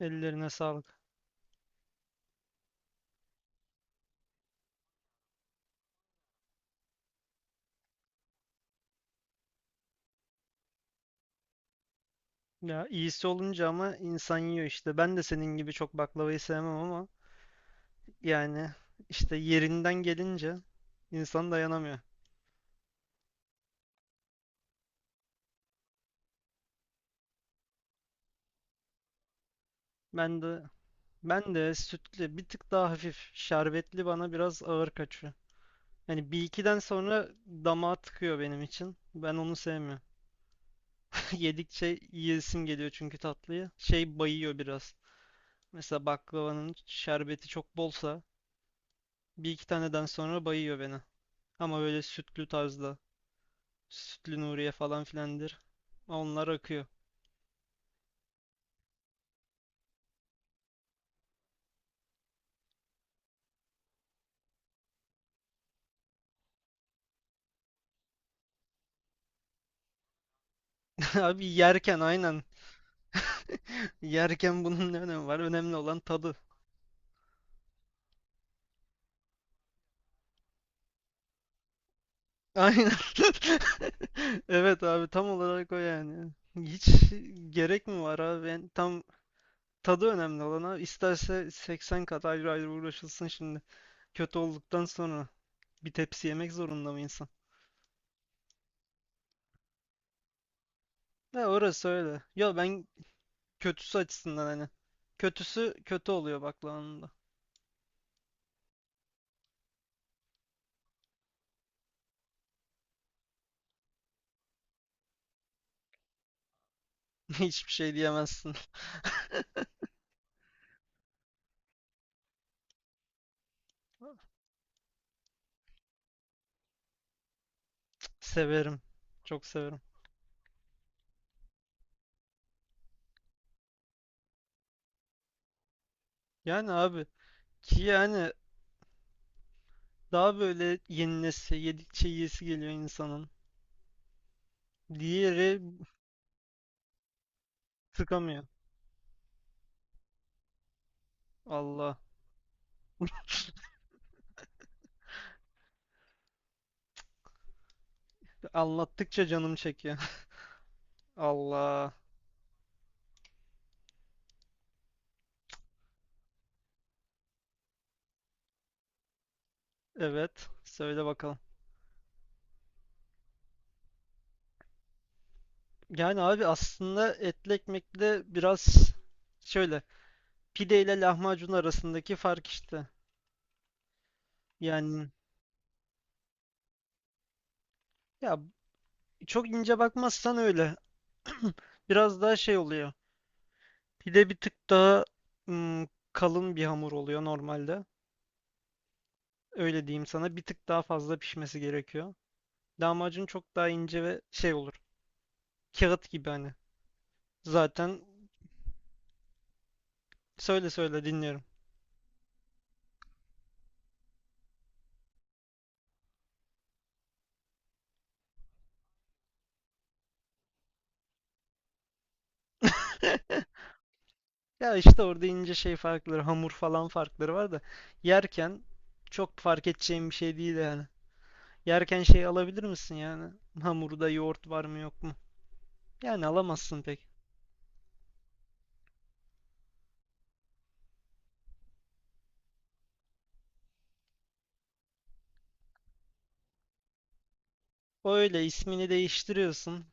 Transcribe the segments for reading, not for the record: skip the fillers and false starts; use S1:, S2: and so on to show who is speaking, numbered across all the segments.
S1: Ellerine sağlık. Ya iyisi olunca ama insan yiyor işte. Ben de senin gibi çok baklavayı sevmem ama yani işte yerinden gelince insan dayanamıyor. Ben de ben de sütlü bir tık daha hafif şerbetli bana biraz ağır kaçıyor. Yani bir ikiden sonra damağa tıkıyor benim için. Ben onu sevmiyorum. Yedikçe yiyesim geliyor çünkü tatlıyı. Şey bayıyor biraz. Mesela baklavanın şerbeti çok bolsa bir iki taneden sonra bayıyor beni. Ama böyle sütlü tarzda. Sütlü Nuriye falan filandır. Onlar akıyor. Abi yerken aynen. Yerken bunun ne önemi var? Önemli olan tadı. Aynen. Evet abi tam olarak o yani. Hiç gerek mi var abi? Yani tam tadı önemli olan abi. İsterse 80 kat ayrı ayrı uğraşılsın şimdi. Kötü olduktan sonra bir tepsi yemek zorunda mı insan? Ya orası öyle. Ya ben kötüsü açısından hani. Kötüsü kötü oluyor baklavanın da. Hiçbir şey diyemezsin. Severim. Çok severim. Yani abi ki yani daha böyle yenilesi, yedikçe yiyesi geliyor insanın. Diğeri sıkamıyor. Allah. Anlattıkça canım çekiyor. Allah. Evet. Söyle bakalım. Yani abi aslında etli ekmekle biraz şöyle pide ile lahmacun arasındaki fark işte. Yani ya çok ince bakmazsan öyle. Biraz daha şey oluyor. Pide bir tık daha kalın bir hamur oluyor normalde. Öyle diyeyim sana. Bir tık daha fazla pişmesi gerekiyor. Lahmacun çok daha ince ve şey olur. Kağıt gibi hani. Zaten söyle söyle dinliyorum. Ya işte orada ince şey farkları, hamur falan farkları var da yerken çok fark edeceğim bir şey değil yani. Yerken şey alabilir misin yani? Hamurda yoğurt var mı yok mu? Yani alamazsın pek. Öyle ismini değiştiriyorsun.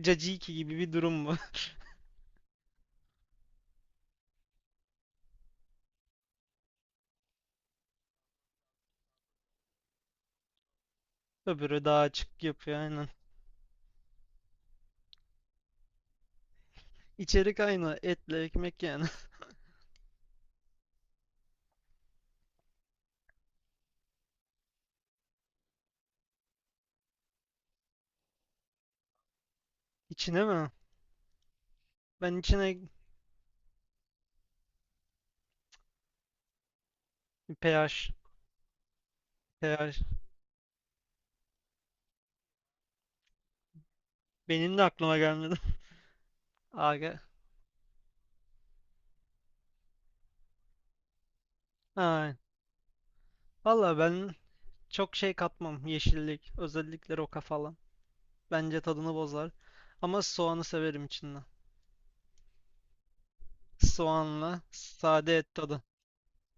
S1: Caciki gibi bir durum bu. Öbürü daha açık yapıyor aynen. İçerik aynı. Etle ekmek yani. İçine mi? Ben içine pH. pH. Benim de aklıma gelmedi. Aga. Ha. Valla ben çok şey katmam. Yeşillik. Özellikle roka falan. Bence tadını bozar. Ama soğanı severim içinden. Soğanla sade et tadı.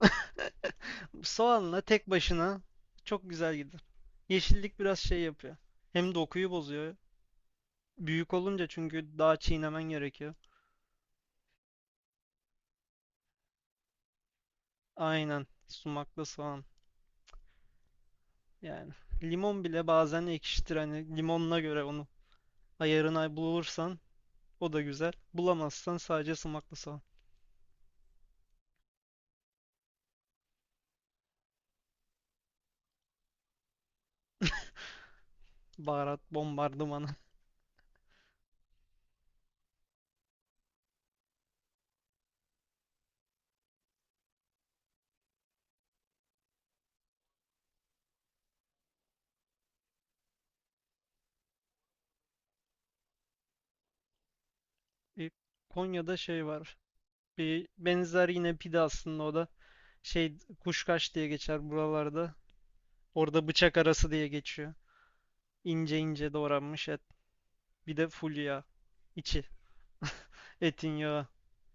S1: Soğanla tek başına çok güzel gider. Yeşillik biraz şey yapıyor. Hem dokuyu bozuyor. Büyük olunca çünkü daha çiğnemen gerekiyor. Aynen. Sumaklı soğan. Yani limon bile bazen ekşitir. Hani limonuna göre onu ayarına bulursan o da güzel. Bulamazsan sadece sumaklı soğan. Baharat bombardımanı. E, Konya'da şey var. Bir benzer yine pide aslında o da. Şey kuşkaş diye geçer buralarda. Orada bıçak arası diye geçiyor. İnce ince doğranmış et. Bir de full yağ. İçi. Etin yağı.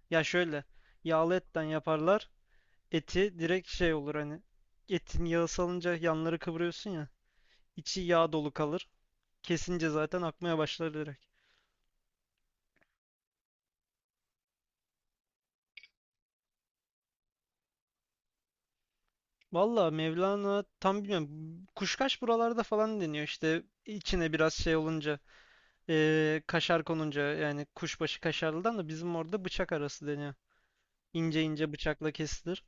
S1: Ya şöyle. Yağlı etten yaparlar. Eti direkt şey olur hani etin yağı salınca yanları kıvırıyorsun ya içi yağ dolu kalır. Kesince zaten akmaya başlar direkt. Valla Mevlana tam bilmiyorum. Kuşkaş buralarda falan deniyor işte içine biraz şey olunca kaşar konunca yani kuşbaşı kaşarlıdan da bizim orada bıçak arası deniyor. İnce ince bıçakla kesilir.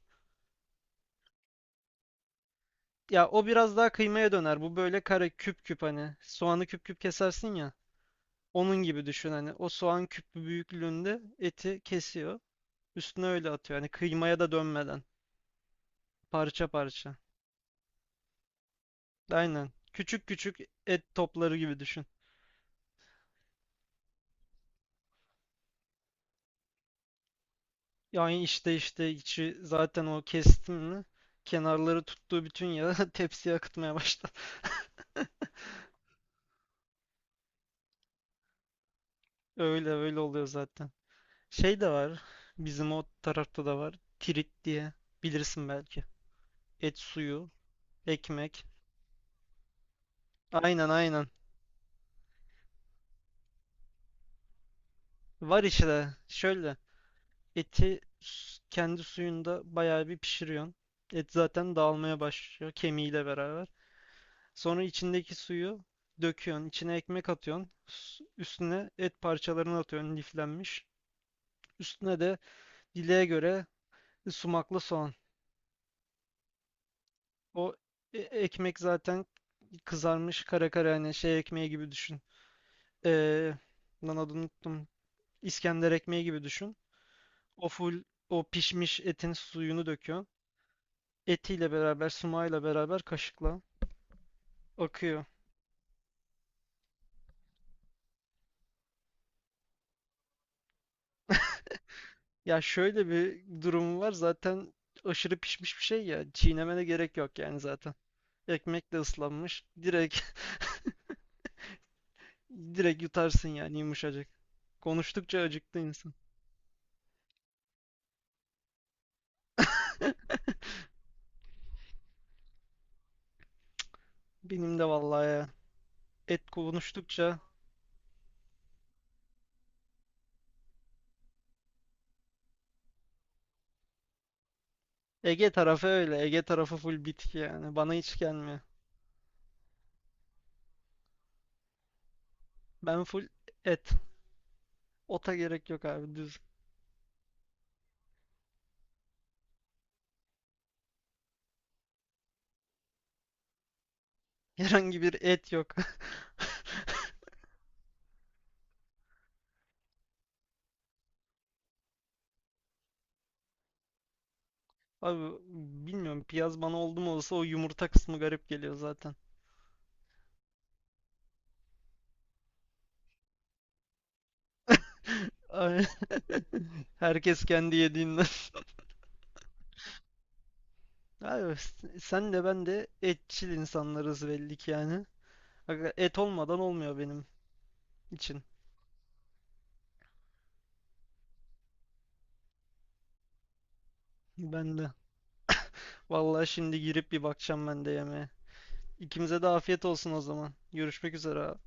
S1: Ya o biraz daha kıymaya döner. Bu böyle kare küp küp hani soğanı küp küp kesersin ya. Onun gibi düşün hani o soğan küpü büyüklüğünde eti kesiyor. Üstüne öyle atıyor. Hani kıymaya da dönmeden. Parça parça. Aynen. Küçük küçük et topları gibi düşün. Yani işte içi zaten o kestimini kenarları tuttuğu bütün yağı tepsiye akıtmaya başladı. Öyle öyle oluyor zaten. Şey de var. Bizim o tarafta da var. Tirit diye. Bilirsin belki. Et suyu, ekmek. Aynen aynen. Var işte. Şöyle. Eti kendi suyunda bayağı bir pişiriyorsun. Et zaten dağılmaya başlıyor kemiğiyle beraber. Sonra içindeki suyu döküyorsun. İçine ekmek atıyorsun. Üstüne et parçalarını atıyorsun liflenmiş. Üstüne de dileğe göre sumaklı soğan. O ekmek zaten kızarmış kara kara hani şey ekmeği gibi düşün. Ee, lan adını unuttum. İskender ekmeği gibi düşün. O full o pişmiş etin suyunu döküyorsun. Etiyle beraber, sumağıyla beraber kaşıkla. Akıyor. Ya şöyle bir durumu var zaten aşırı pişmiş bir şey ya. Çiğnemene gerek yok yani zaten. Ekmekle ıslanmış. Direkt direkt yutarsın yani yumuşacık. Konuştukça acıktı insan. Benim de vallahi ya. Et konuştukça Ege tarafı öyle. Ege tarafı full bitki yani. Bana hiç gelmiyor. Ben full et. Ota gerek yok abi düz. Herhangi bir et yok. Abi bilmiyorum piyaz bana oldu mu olsa o yumurta kısmı garip geliyor zaten. Ay- Herkes kendi yediğinden. Abi, sen de ben de etçil insanlarız belli ki yani. Aga, et olmadan olmuyor benim için. Ben de. Vallahi şimdi girip bir bakacağım ben de yemeğe. İkimize de afiyet olsun o zaman. Görüşmek üzere abi.